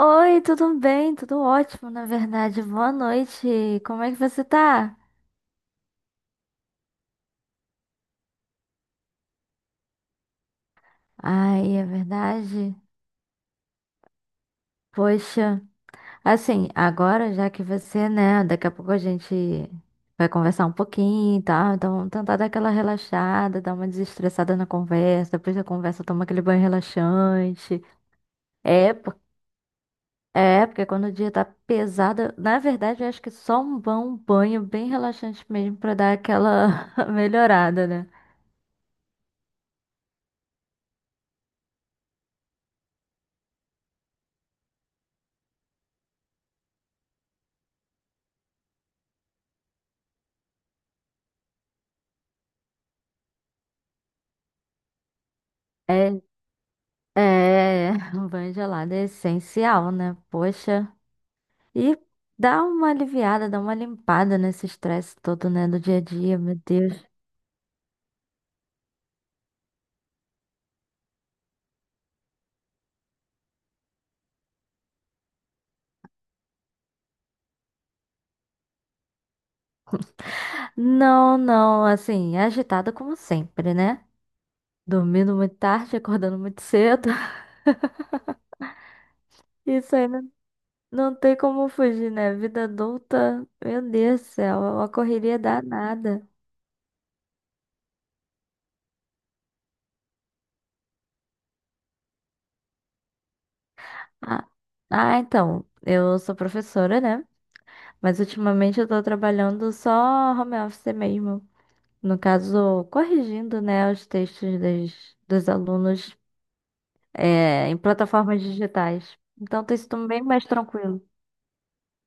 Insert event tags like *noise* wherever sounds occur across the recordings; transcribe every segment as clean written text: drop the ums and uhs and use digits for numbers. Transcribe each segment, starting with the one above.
Oi, tudo bem? Tudo ótimo, na verdade. Boa noite. Como é que você tá? Ai, é verdade. Poxa, assim, agora já que você, né, daqui a pouco a gente vai conversar um pouquinho e tal, então tentar dar aquela relaxada, dar uma desestressada na conversa, depois da conversa toma aquele banho relaxante. É, por- é, porque quando o dia tá pesado, na verdade eu acho que é só um bom banho bem relaxante mesmo pra dar aquela *laughs* melhorada, né? É, É, um banho gelado é essencial, né? Poxa. E dá uma aliviada, dá uma limpada nesse estresse todo, né, do dia a dia, meu Deus. Não, não, assim, agitada como sempre, né? Dormindo muito tarde, acordando muito cedo. *laughs* Isso aí não, não tem como fugir, né? Vida adulta, meu Deus do céu, é uma correria danada. Ah, ah, então, eu sou professora, né? Mas ultimamente eu tô trabalhando só home office mesmo. No caso, corrigindo, né, os dos alunos, em plataformas digitais. Então tem sido bem mais tranquilo.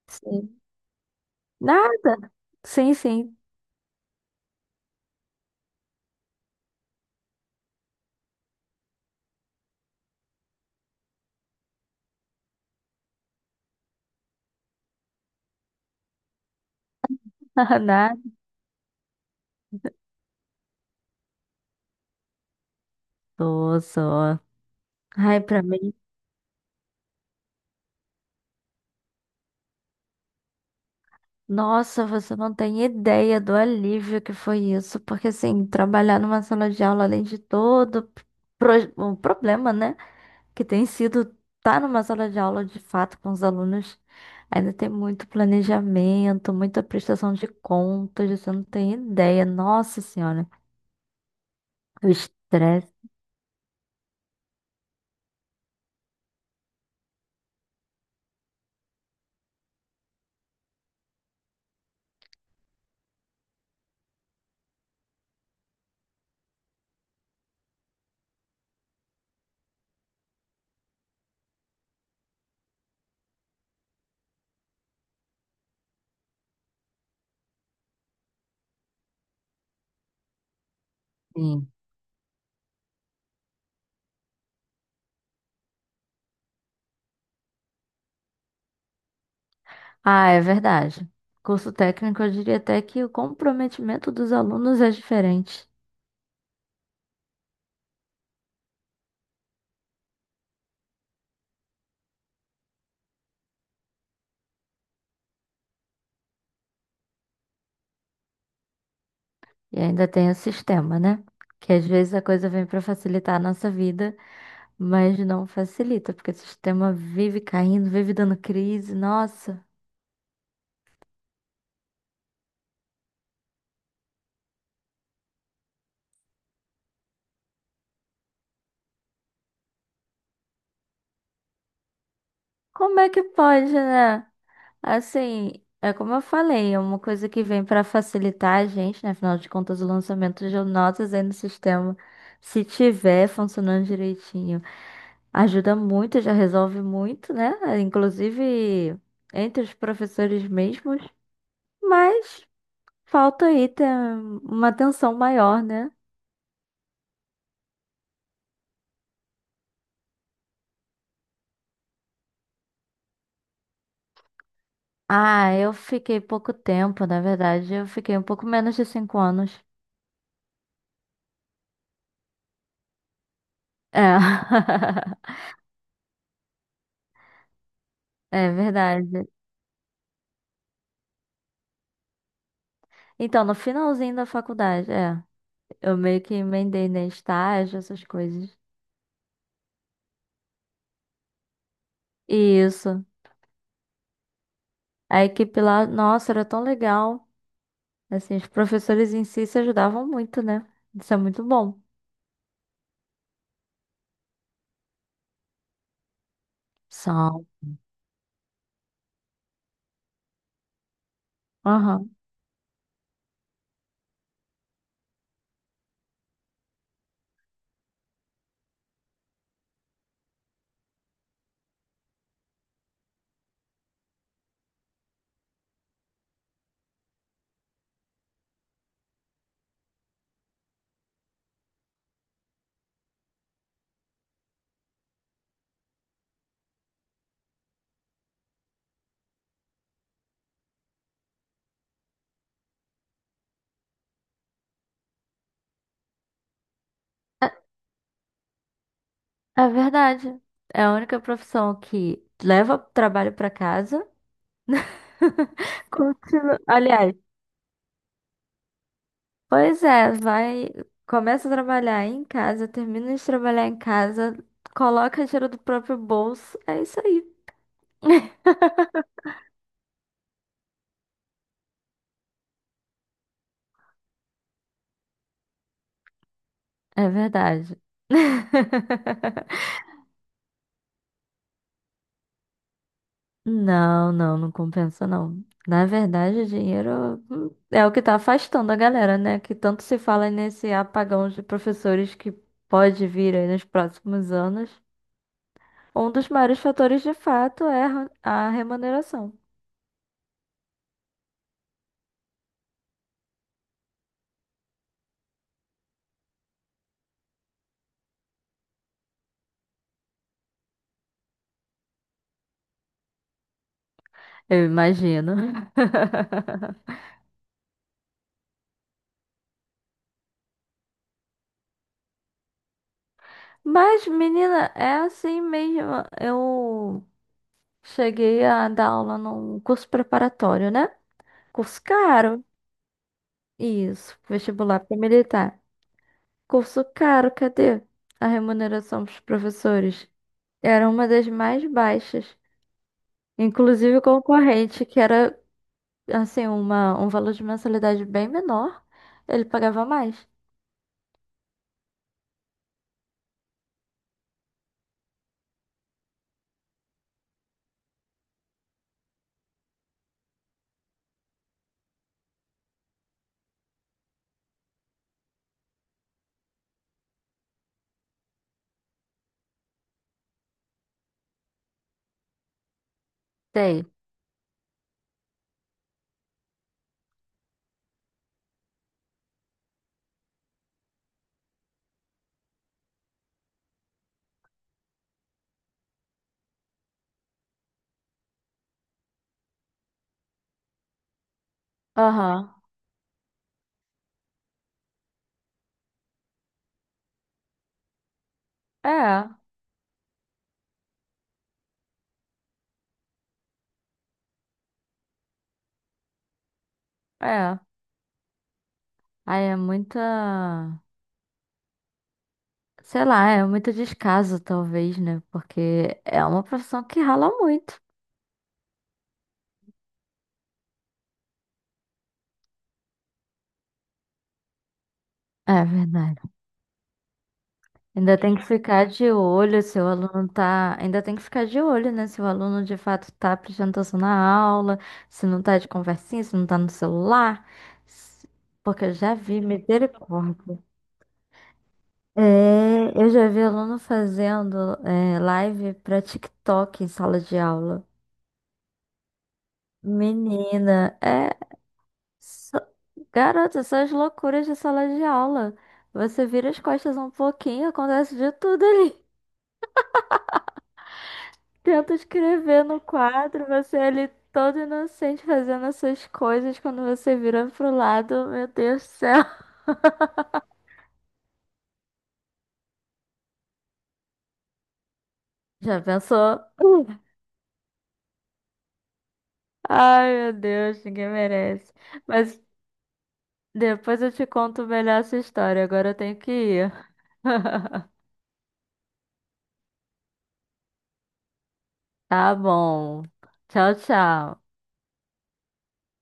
Sim. Nada. Sim, sim. *laughs* Nada. Tô só. Ai, pra mim. Nossa, você não tem ideia do alívio que foi isso, porque assim, trabalhar numa sala de aula, além de todo o problema, né? Que tem sido estar numa sala de aula de fato com os alunos, ainda tem muito planejamento, muita prestação de contas, você não tem ideia. Nossa Senhora, o estresse. Sim. Ah, é verdade. Curso técnico, eu diria até que o comprometimento dos alunos é diferente. E ainda tem o sistema, né? Que às vezes a coisa vem para facilitar a nossa vida, mas não facilita, porque o sistema vive caindo, vive dando crise. Nossa, como é que pode, né? Assim, é como eu falei, é uma coisa que vem para facilitar a gente, né? Afinal de contas, o lançamento de notas aí no sistema, se tiver funcionando direitinho, ajuda muito, já resolve muito, né? Inclusive entre os professores mesmos, mas falta aí ter uma atenção maior, né? Ah, eu fiquei pouco tempo, na verdade, eu fiquei um pouco menos de 5 anos. É, *laughs* é verdade. Então, no finalzinho da faculdade, é. Eu meio que emendei, né? Estágio, essas coisas. E isso. A equipe lá, nossa, era tão legal. Assim, os professores em si se ajudavam muito, né? Isso é muito bom. São. Aham. É, é verdade. É a única profissão que leva trabalho pra casa. *laughs* Continua. Aliás, pois é, vai. Começa a trabalhar em casa, termina de trabalhar em casa, coloca dinheiro do próprio bolso. É isso aí. *laughs* É verdade. *laughs* Não, não, compensa não. Na verdade, o dinheiro, é o que tá afastando a galera, né? Que tanto se fala nesse apagão de professores que pode vir aí nos próximos anos. Um dos maiores fatores, de fato, é a remuneração. Eu imagino. *laughs* Mas, menina, é assim mesmo. Eu cheguei a dar aula num curso preparatório, né? Curso caro. Isso, vestibular para militar. Curso caro, cadê? A remuneração dos professores era uma das mais baixas. Inclusive o concorrente, que era assim, um valor de mensalidade bem menor, ele pagava mais. Tem. Aham. É, é. Aí é muita. Sei lá, é muito descaso, talvez, né? Porque é uma profissão que rala muito. É verdade. Ainda tem que ficar de olho se o aluno tá. Ainda tem que ficar de olho, né? Se o aluno de fato tá prestando atenção na aula, se não tá de conversinha, se não tá no celular. se- Porque eu já vi, misericórdia. É, eu já vi aluno fazendo live pra TikTok em sala de aula. Menina, é. só- Garota, essas loucuras de sala de aula. Você vira as costas um pouquinho, acontece de tudo ali. Tenta escrever no quadro, você é ali todo inocente fazendo as suas coisas, quando você vira pro lado, meu Deus do céu. *laughs* Já pensou? Ai, meu Deus, ninguém merece. Mas depois eu te conto melhor essa história, agora eu tenho que ir. *laughs* Tá bom. Tchau, tchau.